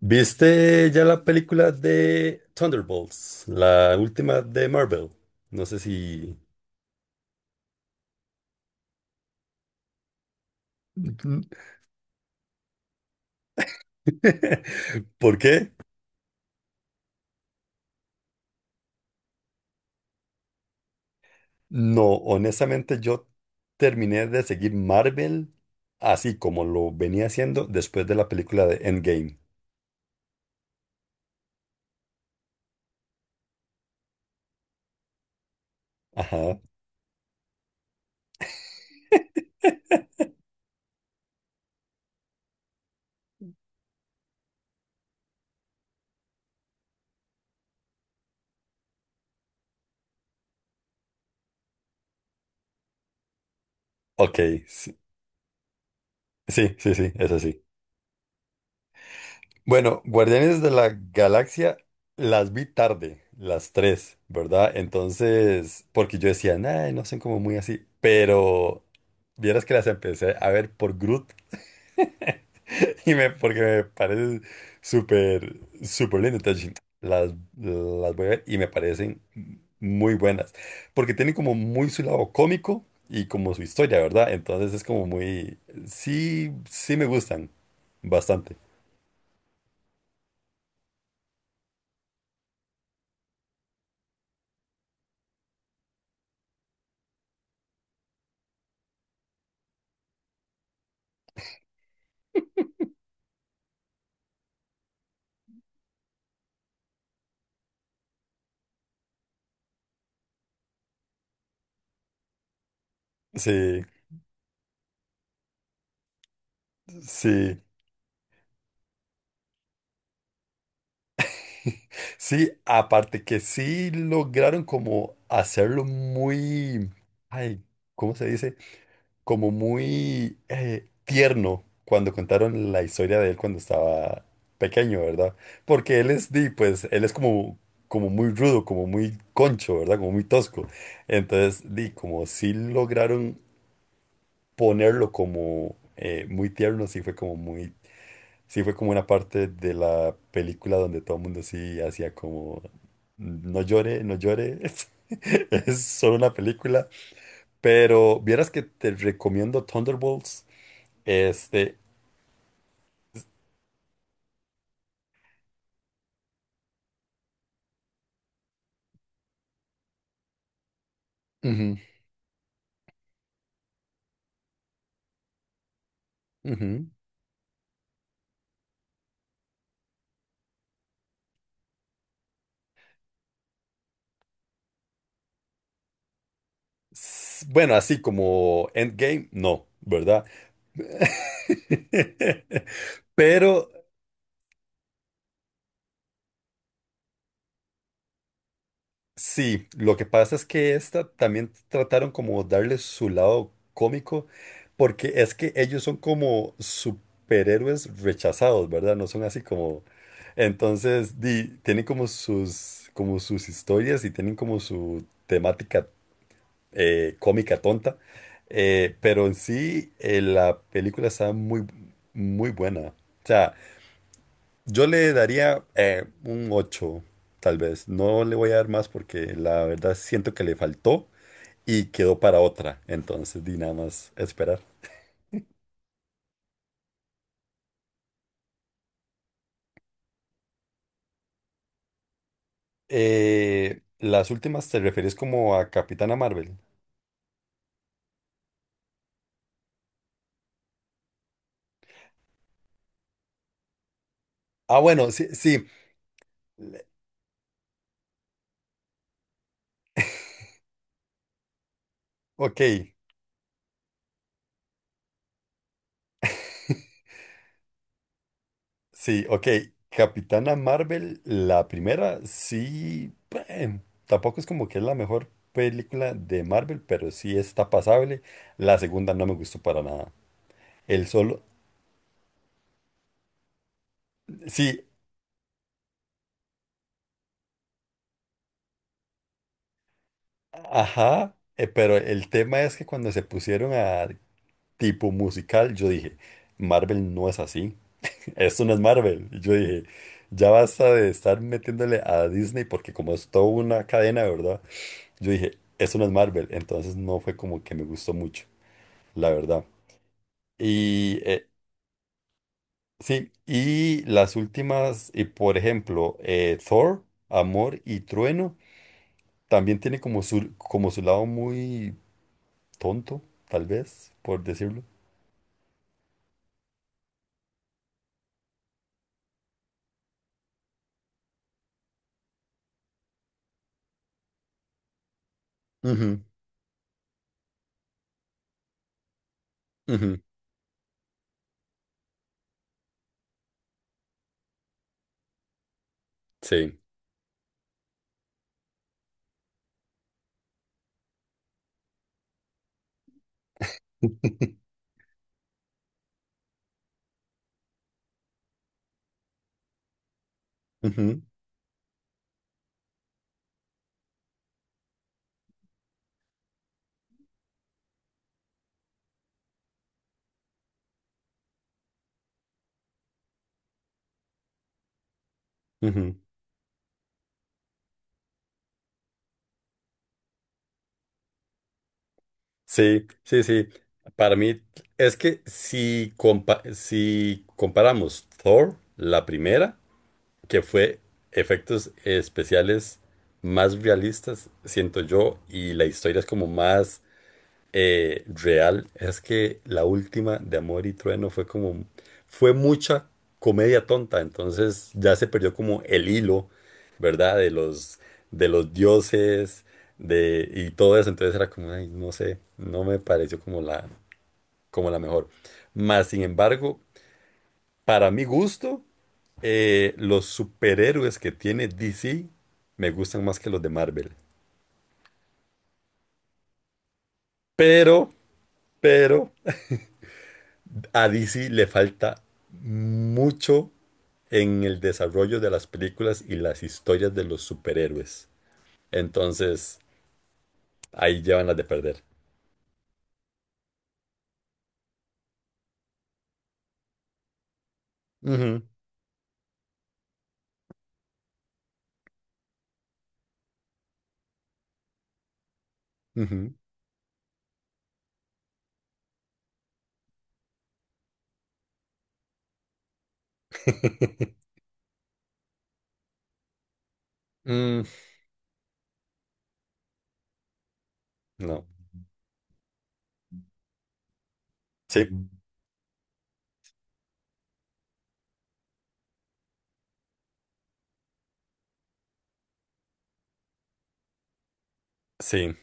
¿Viste ya la película de Thunderbolts, la última de Marvel? No sé si... ¿Por qué? No, honestamente yo terminé de seguir Marvel así como lo venía haciendo después de la película de Endgame. Ajá. Ok, sí, sí, sí, sí, es así. Bueno, Guardianes de la Galaxia las vi tarde, las tres, ¿verdad? Entonces, porque yo decía, "Nah, no son como muy así, pero vieras que las empecé a ver por Groot porque me parece súper, súper lindo. Entonces, dije, las voy a ver y me parecen muy buenas, porque tienen como muy su lado cómico y como su historia, ¿verdad? Entonces es como muy, sí, sí me gustan bastante. Sí, sí. Sí, aparte que sí lograron como hacerlo muy, ay, ¿cómo se dice? Como muy tierno cuando contaron la historia de él cuando estaba pequeño, ¿verdad? Porque él es, di, pues, él es como, como muy rudo, como muy concho, ¿verdad? Como muy tosco. Entonces, di, como sí lograron ponerlo como muy tierno, sí fue como muy. Sí, fue como una parte de la película donde todo el mundo sí hacía como, no llore, no llore, es solo una película, pero vieras que te recomiendo Thunderbolts, este, ujú, ujú. Bueno, así como Endgame, no, ¿verdad? Pero sí, lo que pasa es que esta también trataron como darle su lado cómico, porque es que ellos son como superhéroes rechazados, ¿verdad? No son así como... Entonces, tienen como sus historias y tienen como su temática cómica tonta, pero en sí la película está muy, muy buena. O sea, yo le daría un 8, tal vez. No le voy a dar más porque la verdad siento que le faltó y quedó para otra. Entonces, di nada más esperar. Las últimas te refieres como a Capitana Marvel. Ah, bueno, sí, sí. Le- Ok, sí, ok. Capitana Marvel, la primera, sí. eh, Tampoco es como que es la mejor película de Marvel, pero sí está pasable. La segunda no me gustó para nada. El solo. Sí, Ajá, pero el tema es que cuando se pusieron a tipo musical, yo dije, Marvel no es así, esto no es Marvel. Y yo dije, ya basta de estar metiéndole a Disney porque como es toda una cadena, ¿verdad? Yo dije, esto no es Marvel, entonces no fue como que me gustó mucho, la verdad. Y sí, y las últimas, y por ejemplo, Thor, Amor y Trueno, también tiene como su lado muy tonto, tal vez, por decirlo. Ujú, ujú, Sí. Ujú, ujú. Sí, sí, sí. Para mí es que si comparamos Thor, la primera, que fue efectos especiales más realistas, siento yo, y la historia es como más. Real, es que la última de Amor y Trueno fue como, fue mucha comedia tonta, entonces ya se perdió como el hilo, ¿verdad? De los dioses, y todo eso, entonces era como, "Ay, no sé, no me pareció como la mejor. Más sin embargo, para mi gusto, los superhéroes que tiene DC me gustan más que los de Marvel. Pero, pero, a DC le falta mucho en el desarrollo de las películas y las historias de los superhéroes. Entonces, ahí llevan las de perder. Ujú, ujú. Mm, no. Sí, sí.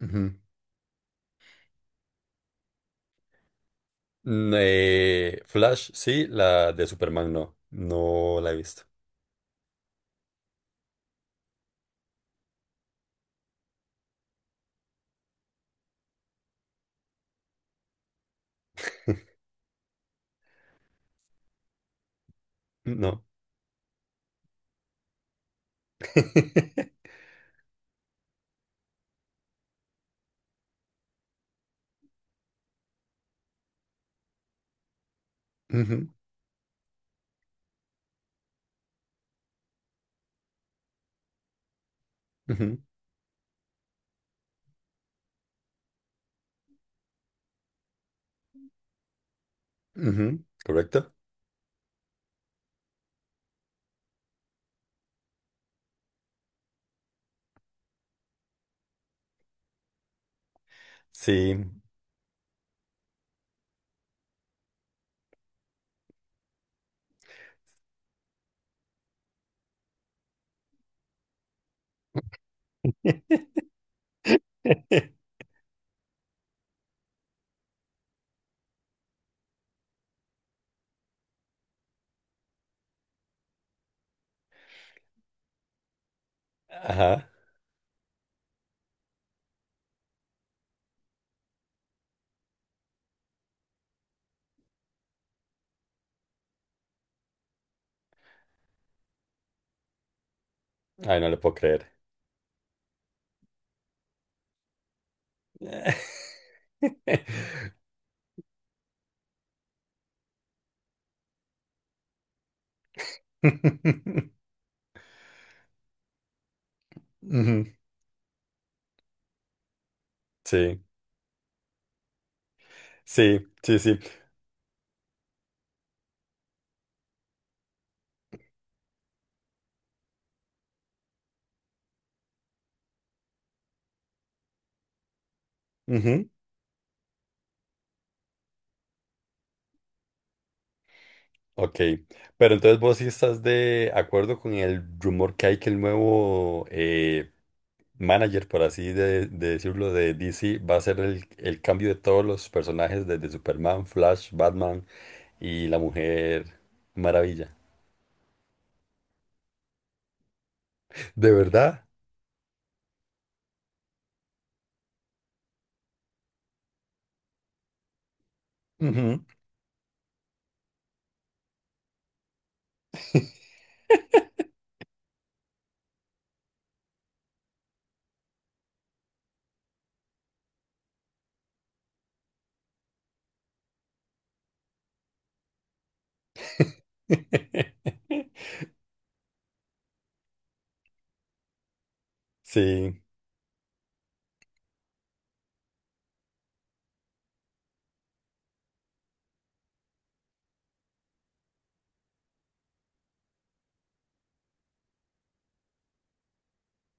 Ujú. Mm, Flash, sí, la de Superman, no. No la he visto. No. Ujú, ujú, ujú. ¿Correcto? Sí. Ajá. Ay, no le puedo creer. Ujú, Sí, sí, sí, sí. Ujú. Ok, pero entonces vos sí estás de acuerdo con el rumor que hay que el nuevo manager, por así de decirlo, de DC va a ser el cambio de todos los personajes desde Superman, Flash, Batman y la Mujer Maravilla. ¿De verdad? Ujú. Sí.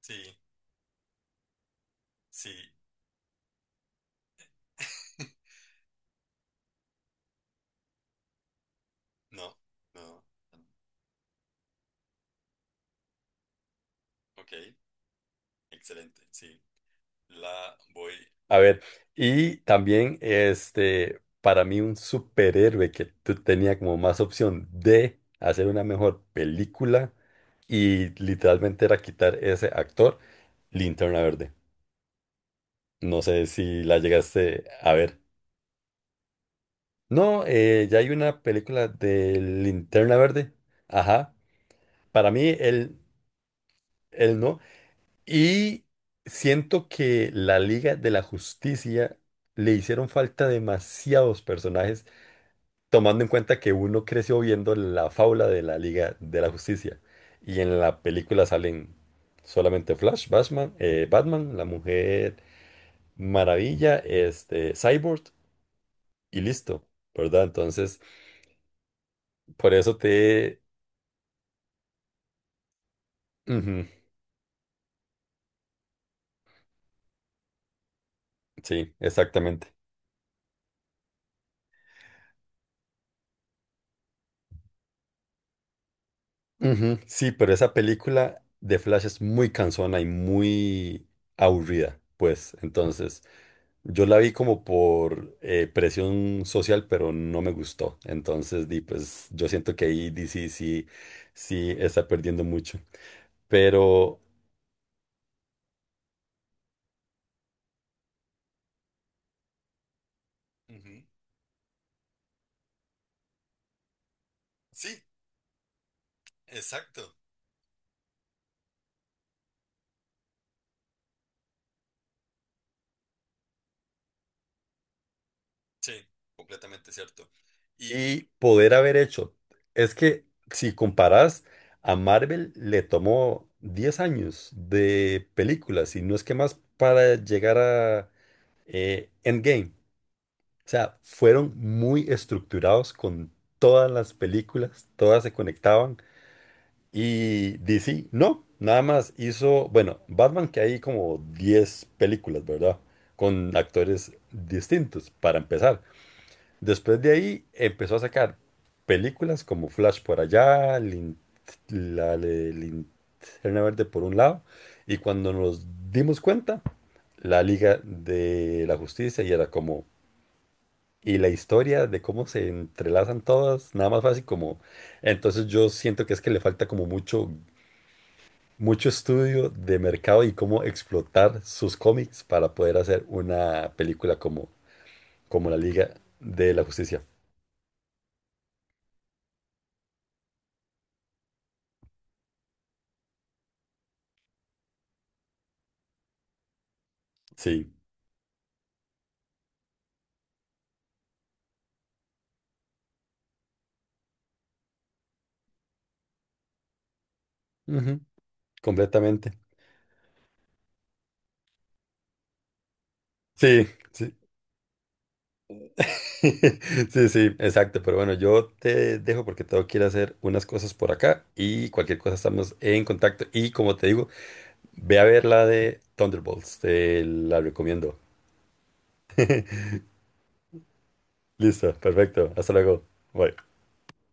Sí, sí. No, no. Ok, excelente, sí. La voy. A ver, y también este, para mí un superhéroe que tú tenía como más opción de hacer una mejor película y literalmente era quitar ese actor, Linterna Verde. No sé si la llegaste a ver. No, ya hay una película de Linterna Verde. Ajá. Para mí, él no. Y siento que la Liga de la Justicia le hicieron falta demasiados personajes, tomando en cuenta que uno creció viendo la fábula de la Liga de la Justicia. Y en la película salen solamente Flash, Batman, la Mujer Maravilla, este, Cyborg y listo, ¿verdad? Entonces, por eso te... Ujú, sí, exactamente. Ujú, Sí, pero esa película de Flash es muy cansona y muy aburrida, pues. Entonces, yo la vi como por presión social, pero no me gustó. Entonces, di, pues, yo siento que ahí DC sí, sí está perdiendo mucho. Pero... Ujú. Sí, exacto. Sí, completamente cierto. Y poder haber hecho. Es que si comparas a Marvel, le tomó 10 años de películas y no es que más para llegar a Endgame. O sea, fueron muy estructurados con todas las películas, todas se conectaban y DC, no, nada más hizo, bueno, Batman que hay como 10 películas, ¿verdad? Con actores distintos, para empezar. Después de ahí empezó a sacar películas como Flash por allá, la de Linterna Verde por un lado, y cuando nos dimos cuenta, la Liga de la Justicia y era como, y la historia de cómo se entrelazan todas, nada más fácil como, entonces yo siento que es que le falta como mucho, mucho estudio de mercado y cómo explotar sus cómics para poder hacer una película como, la Liga de la Justicia. Sí. Completamente. Sí, sí. Sí, sí, exacto. Pero bueno, yo te dejo porque tengo que ir a hacer unas cosas por acá y cualquier cosa estamos en contacto. Y como te digo, ve a ver la de Thunderbolts. Te la recomiendo. Listo, perfecto. Hasta luego. Bye.